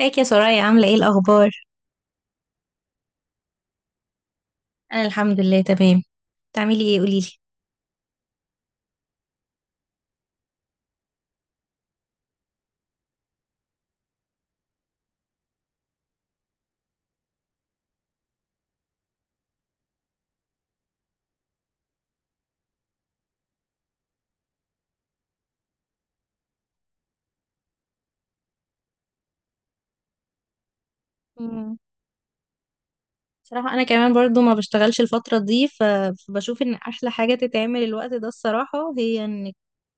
ازيك يا سرايا، عاملة ايه الأخبار؟ أنا الحمد لله تمام. بتعملي ايه قوليلي. مم. صراحة أنا كمان برضو ما بشتغلش الفترة دي، فبشوف إن أحلى حاجة تتعمل الوقت ده الصراحة هي إنك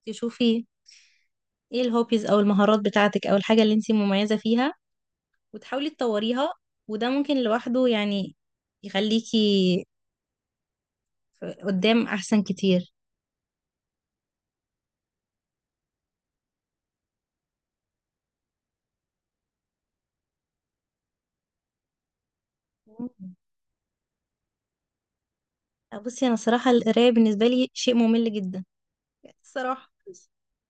تشوفي ايه الهوبيز أو المهارات بتاعتك أو الحاجة اللي انتي مميزة فيها، وتحاولي تطوريها. وده ممكن لوحده يعني يخليكي قدام أحسن كتير. مم. بصي أنا صراحة القراية بالنسبة لي شيء ممل جدا الصراحة، بس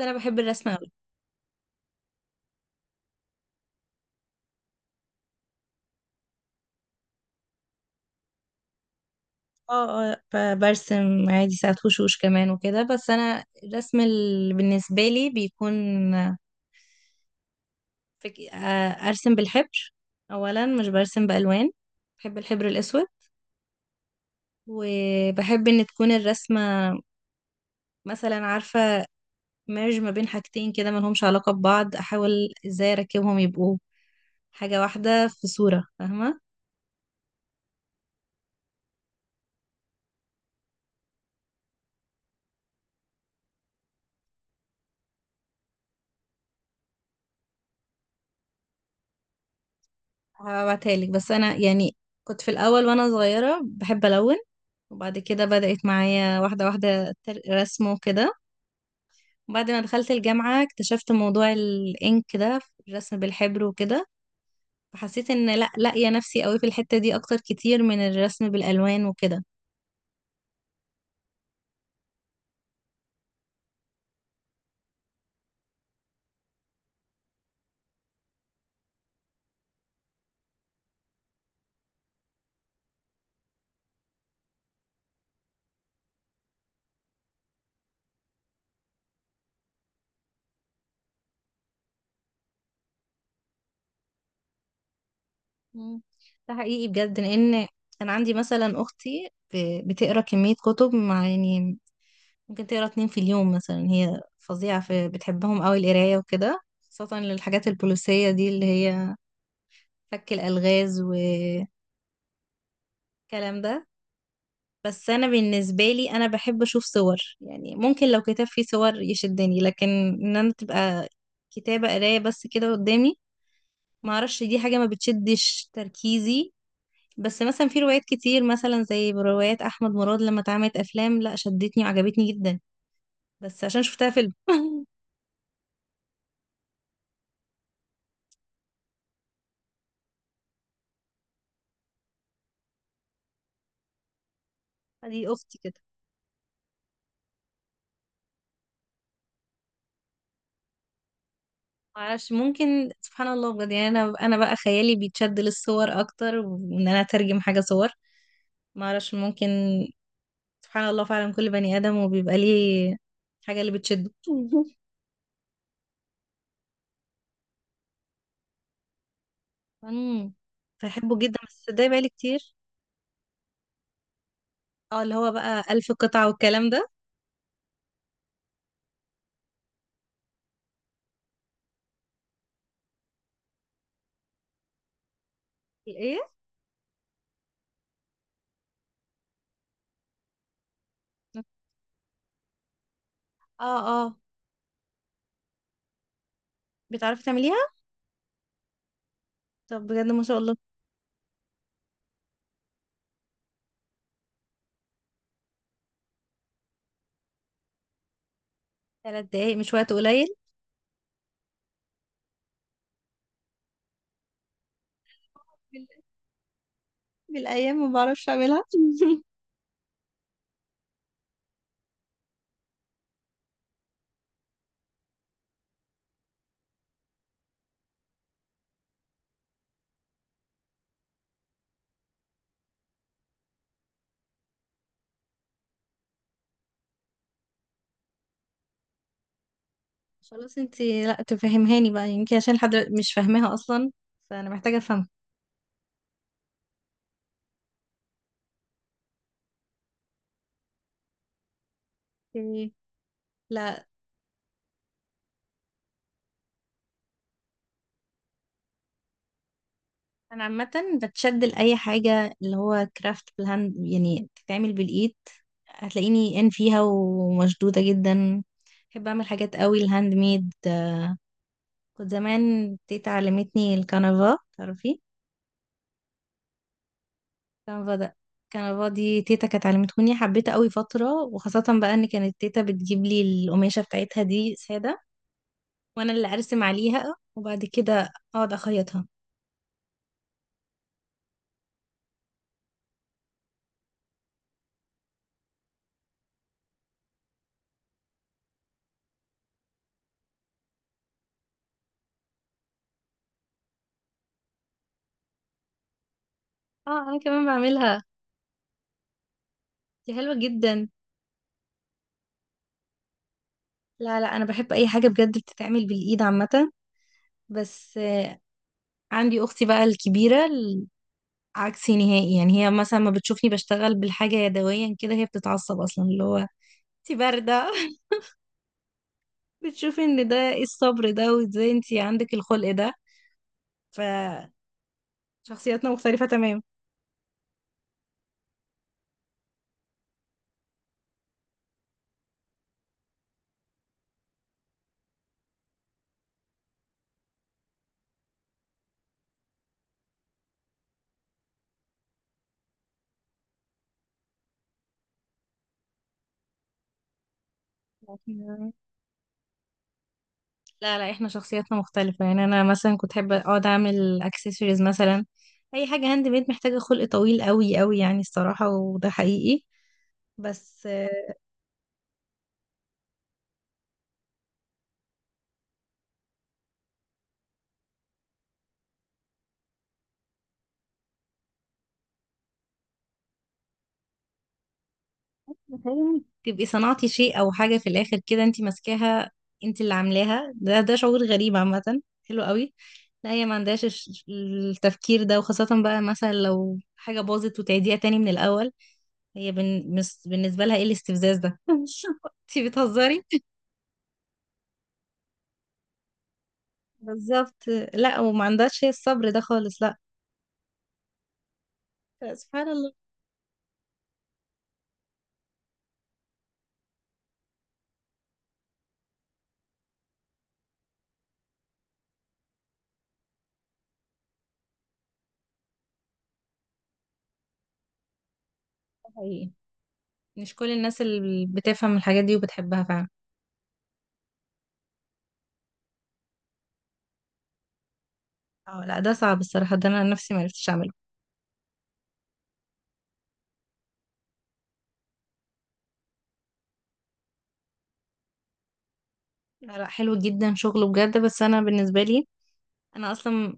أنا بحب الرسم أوي. اه اه، برسم عادي ساعات وشوش كمان وكده، بس انا الرسم اللي بالنسبه لي بيكون فك... آه، ارسم بالحبر. اولا مش برسم بالوان، بحب الحبر الاسود، وبحب ان تكون الرسمه مثلا، عارفه، ميرج ما بين حاجتين كده ما لهمش علاقه ببعض، احاول ازاي اركبهم يبقوا حاجه واحده في صوره، فاهمه. هبعتها لك، بس انا يعني كنت في الاول وانا صغيره بحب الون، وبعد كده بدأت معايا واحدة واحدة رسمه كده. بعد ما دخلت الجامعة اكتشفت موضوع الإنك ده، الرسم بالحبر وكده، فحسيت إن لأ، لاقية نفسي قوي في الحتة دي أكتر كتير من الرسم بالألوان وكده. مم. ده حقيقي بجد، لأن كان عندي مثلا أختي بتقرا كمية كتب، مع يعني ممكن تقرا 2 في اليوم مثلا. هي فظيعة في بتحبهم قوي القراية وكده، خاصة للحاجات البوليسية دي اللي هي فك الألغاز والكلام ده. بس انا بالنسبه لي انا بحب اشوف صور، يعني ممكن لو كتاب فيه صور يشدني، لكن ان انا تبقى كتابه قرايه بس كده قدامي، ما اعرفش، دي حاجه ما بتشدش تركيزي. بس مثلا في روايات كتير، مثلا زي روايات احمد مراد لما اتعملت افلام، لا شدتني وعجبتني جدا، بس عشان شفتها فيلم. دي اختي كده. معرفش، ممكن سبحان الله بجد، يعني انا بقى خيالي بيتشد للصور اكتر، وان انا اترجم حاجه صور. معرفش، ممكن سبحان الله فعلا كل بني آدم وبيبقى ليه حاجة اللي بتشده. امم فيحبه جدا بس ده بقالي كتير. اه، اللي هو بقى 1000 قطعة والكلام ده. الايه؟ اه اه. بتعرفي تعمليها؟ طب بجد ما شاء الله. 3 دقايق مش وقت قليل. بال- بالايام ما بعرفش اعملها. خلاص انتي لا تفهمهاني بقى، يمكن عشان لحد دلوقتي مش فاهماها اصلا، فانا محتاجه افهمها. اوكي. لا، انا عامه بتشد لاي حاجه اللي هو كرافت بالهاند، يعني بتتعمل بالايد، هتلاقيني ان فيها ومشدوده جدا. بحب اعمل حاجات قوي الهاند ميد. كنت زمان تيتا علمتني الكنفا، تعرفي الكنفا ده؟ الكنفا دي تيتا كانت علمتهوني، حبيتها قوي فتره، وخاصه بقى ان كانت تيتا بتجيب لي القماشه بتاعتها دي ساده، وانا اللي ارسم عليها، وبعد كده اقعد اخيطها. اه انا كمان بعملها. دي حلوه جدا. لا لا، انا بحب اي حاجه بجد بتتعمل بالايد عامه. بس عندي اختي بقى الكبيره عكسي نهائي، يعني هي مثلا ما بتشوفني بشتغل بالحاجه يدويا كده، هي بتتعصب اصلا، اللي هو انت بارده. بتشوفي ان ده ايه الصبر ده، وازاي انت عندك الخلق ده. فشخصياتنا مختلفه تمام. لكن- لا لا، احنا شخصياتنا مختلفه، يعني انا مثلا كنت احب اقعد اعمل اكسسوارز مثلا. اي حاجه هاند ميد محتاجه خلق طويل قوي قوي، يعني الصراحه، وده حقيقي. بس متهيألي تبقي صنعتي شيء او حاجه في الاخر كده، انت ماسكاها، انت اللي عاملاها، ده ده شعور غريب عامه، حلو قوي. لا، هي ما عندهاش التفكير ده، وخاصه بقى مثلا لو حاجه باظت وتعيديها تاني من الاول، هي بالنسبه لها ايه الاستفزاز ده. انت بتهزري. بالظبط. لا، وما عندهاش هي الصبر ده خالص، لا. سبحان الله. ده حقيقي، مش كل الناس اللي بتفهم الحاجات دي وبتحبها فعلا. اه لا، ده صعب الصراحه، ده انا نفسي ما عرفتش اعمله. لا لا، حلو جدا شغله بجد، بس انا بالنسبه لي، انا اصلا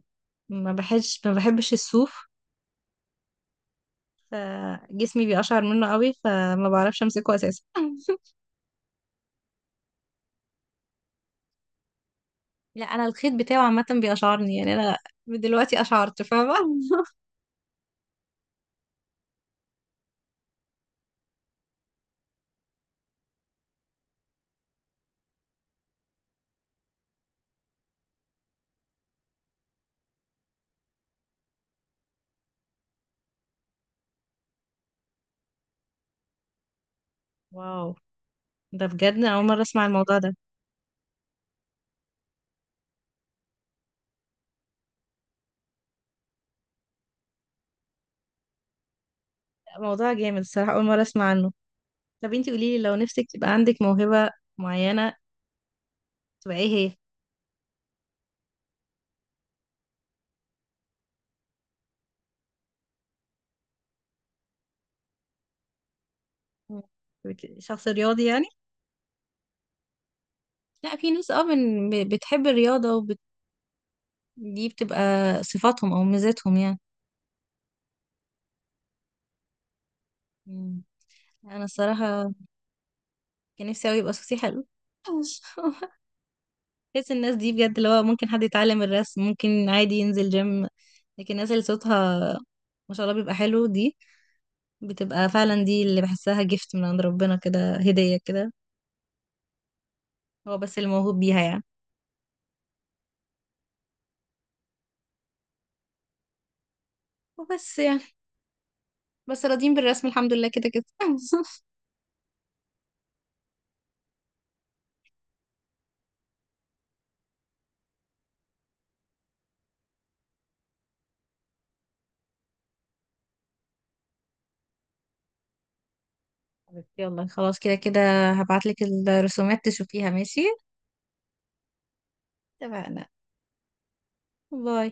ما بحبش الصوف، فجسمي بيقشعر منه قوي، فما بعرفش امسكه اساسا. لا انا الخيط بتاعه عامه بيقشعرني، يعني انا من دلوقتي قشعرت، فاهمه. واو، ده بجد أنا اول مره اسمع الموضوع ده. موضوع جامد الصراحه، اول مره اسمع عنه. طب انتي قولي لي، لو نفسك تبقى عندك موهبه معينه، تبقى ايه هي؟ شخص رياضي يعني؟ لا في ناس اه بتحب الرياضه دي، بتبقى صفاتهم او ميزاتهم يعني. مم. انا الصراحه كان نفسي قوي يبقى صوتي حلو. بحس الناس دي بجد، اللي هو ممكن حد يتعلم الرسم، ممكن عادي ينزل جيم، لكن الناس اللي صوتها ما شاء الله بيبقى حلو دي، بتبقى فعلا دي اللي بحسها جفت من عند ربنا كده، هديه كده، هو بس اللي موهوب بيها يعني. وبس يعني، بس راضيين بالرسم الحمد لله كده كده. حبيبتي، يلا خلاص كده كده، هبعتلك الرسومات تشوفيها، ماشي؟ اتفقنا. باي.